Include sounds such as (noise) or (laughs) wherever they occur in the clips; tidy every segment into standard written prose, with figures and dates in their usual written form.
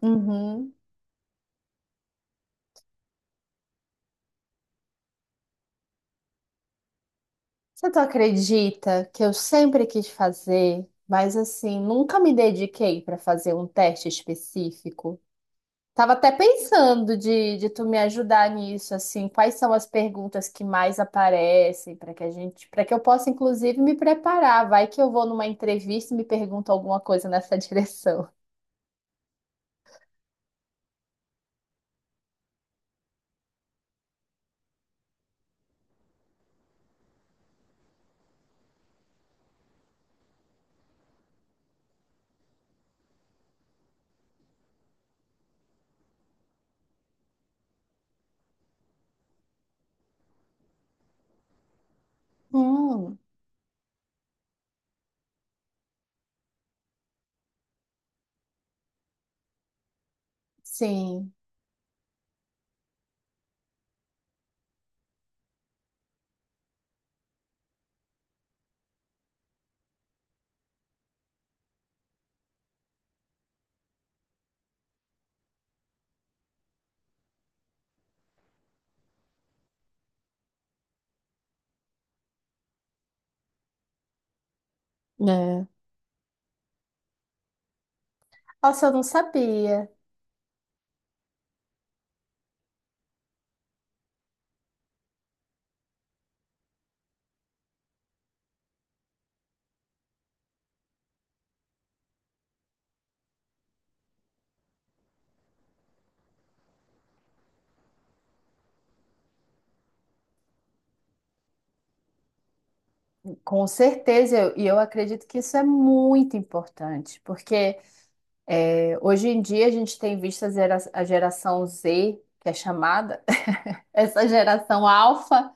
Uhum. Você tu acredita que eu sempre quis fazer, mas assim, nunca me dediquei para fazer um teste específico? Tava até pensando de tu me ajudar nisso, assim, quais são as perguntas que mais aparecem para que para que eu possa inclusive me preparar. Vai que eu vou numa entrevista e me perguntam alguma coisa nessa (laughs) direção. Hum, sim. É. Nossa, eu não sabia. E eu acredito que isso é muito importante, porque hoje em dia a gente tem visto a geração Z, que é chamada, (laughs) essa geração alfa,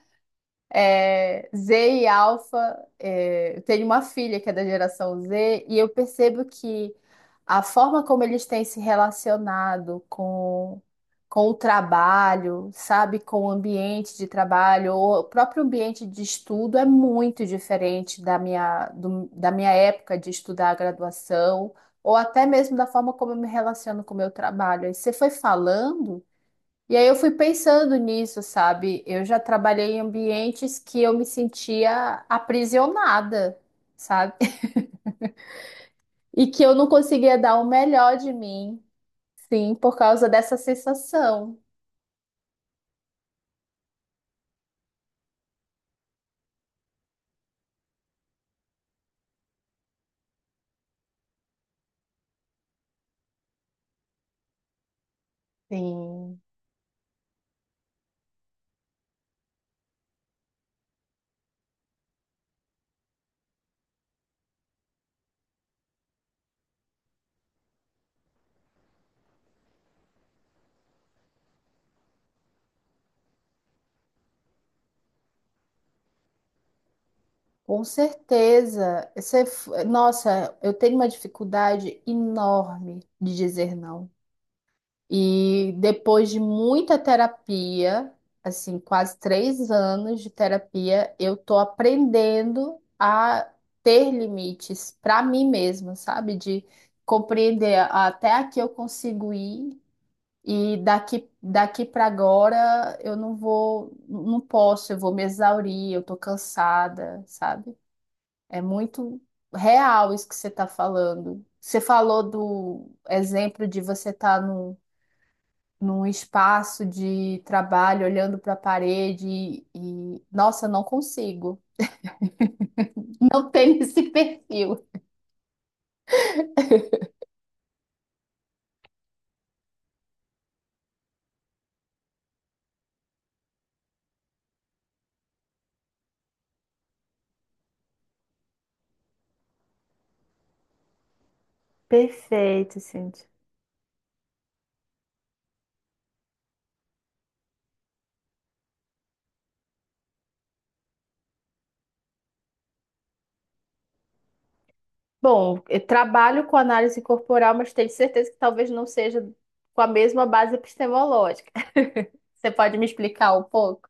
é, Z e Alpha. É, eu tenho uma filha que é da geração Z, e eu percebo que a forma como eles têm se relacionado com o trabalho, sabe, com o ambiente de trabalho, ou o próprio ambiente de estudo é muito diferente da minha, da minha época de estudar a graduação, ou até mesmo da forma como eu me relaciono com o meu trabalho. Aí você foi falando. E aí eu fui pensando nisso, sabe? Eu já trabalhei em ambientes que eu me sentia aprisionada, sabe? (laughs) E que eu não conseguia dar o melhor de mim, sim, por causa dessa sensação. Sim, com certeza. Nossa, eu tenho uma dificuldade enorme de dizer não. E depois de muita terapia, assim, quase 3 anos de terapia, eu tô aprendendo a ter limites para mim mesma, sabe? De compreender até aqui eu consigo ir e daqui para agora eu não vou, não posso, eu vou me exaurir, eu tô cansada, sabe? É muito real isso que você tá falando. Você falou do exemplo de você estar num espaço de trabalho, olhando para a parede nossa, não consigo. Não tenho (laughs) esse perfil. Perfeito, Cintia. Bom, eu trabalho com análise corporal, mas tenho certeza que talvez não seja com a mesma base epistemológica. (laughs) Você pode me explicar um pouco?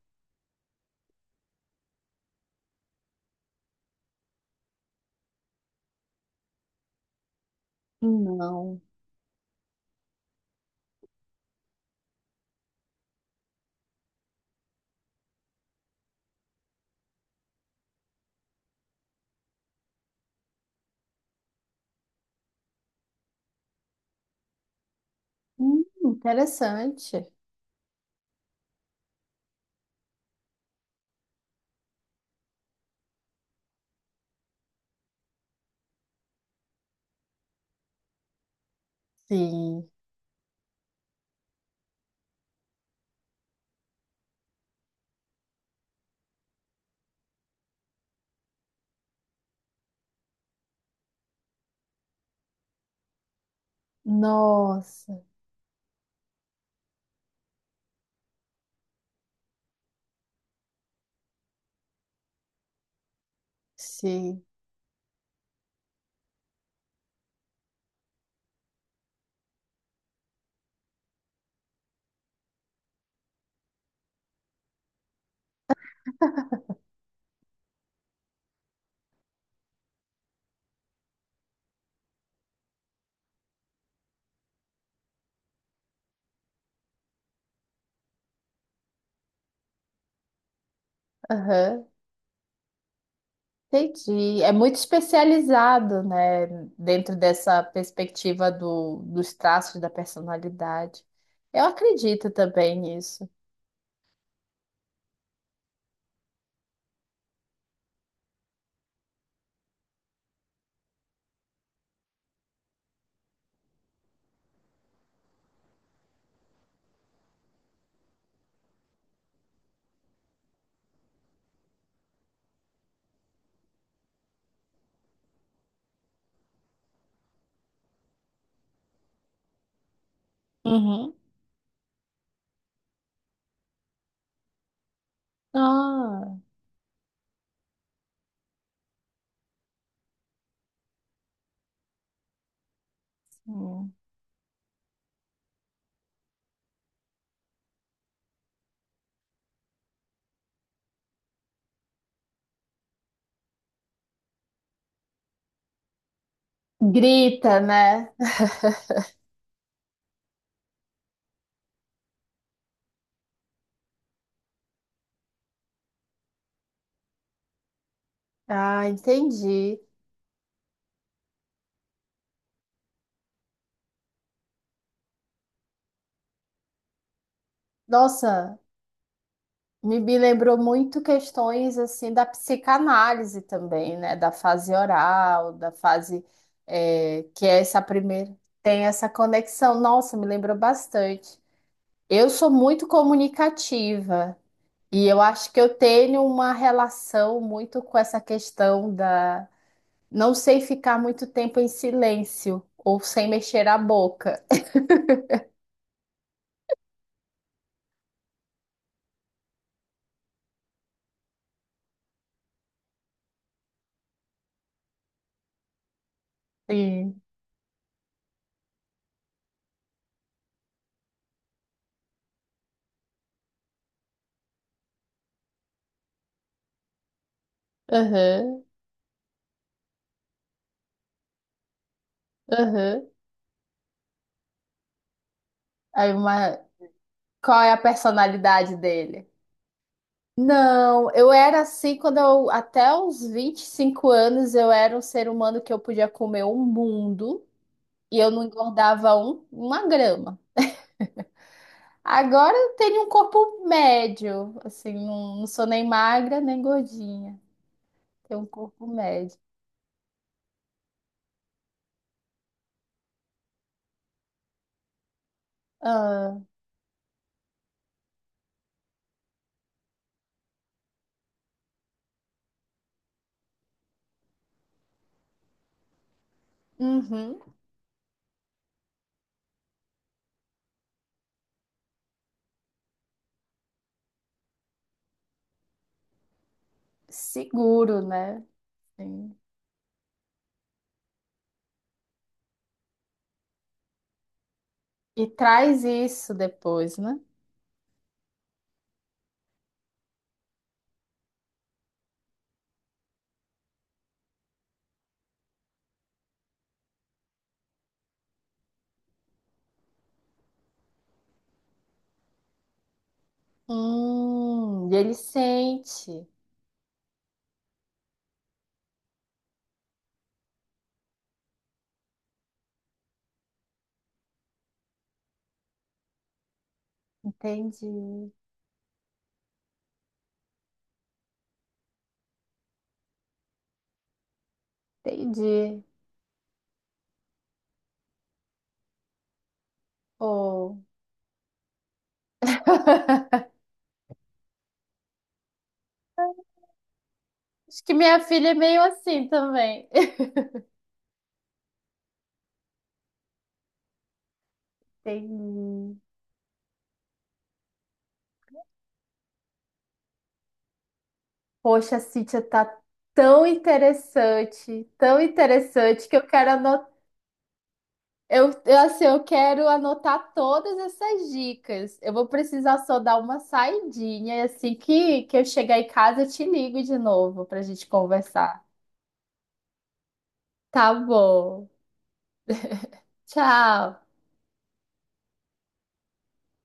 Não. Interessante. Sim. Nossa, sim. Aham. Entendi. É muito especializado, né? Dentro dessa perspectiva dos traços da personalidade. Eu acredito também nisso. Uhum. Ah, sim. Grita, né? Ah, entendi. Nossa, me lembrou muito questões assim da psicanálise também, né? Da fase oral, da fase, eh, que é essa primeira, tem essa conexão. Nossa, me lembrou bastante. Eu sou muito comunicativa e eu acho que eu tenho uma relação muito com essa questão da, não sei ficar muito tempo em silêncio ou sem mexer a boca. Sim. Aham, aham. Aí uma... Qual é a personalidade dele? Não, eu era assim quando eu, até os 25 anos, eu era um ser humano que eu podia comer um mundo e eu não engordava uma grama. Agora eu tenho um corpo médio, assim, não, não sou nem magra nem gordinha. Tenho um corpo médio. Ah, uhum. Seguro, né? Sim. E traz isso depois, né? E ele sente. Entendi, entendi. Pô. (laughs) Acho que minha filha é meio assim também. (laughs) Entendi. Poxa, Cíntia, tá tão interessante que eu quero anotar. Assim, eu quero anotar todas essas dicas. Eu vou precisar só dar uma saidinha e assim que eu chegar em casa eu te ligo de novo para a gente conversar. Tá bom. Tchau.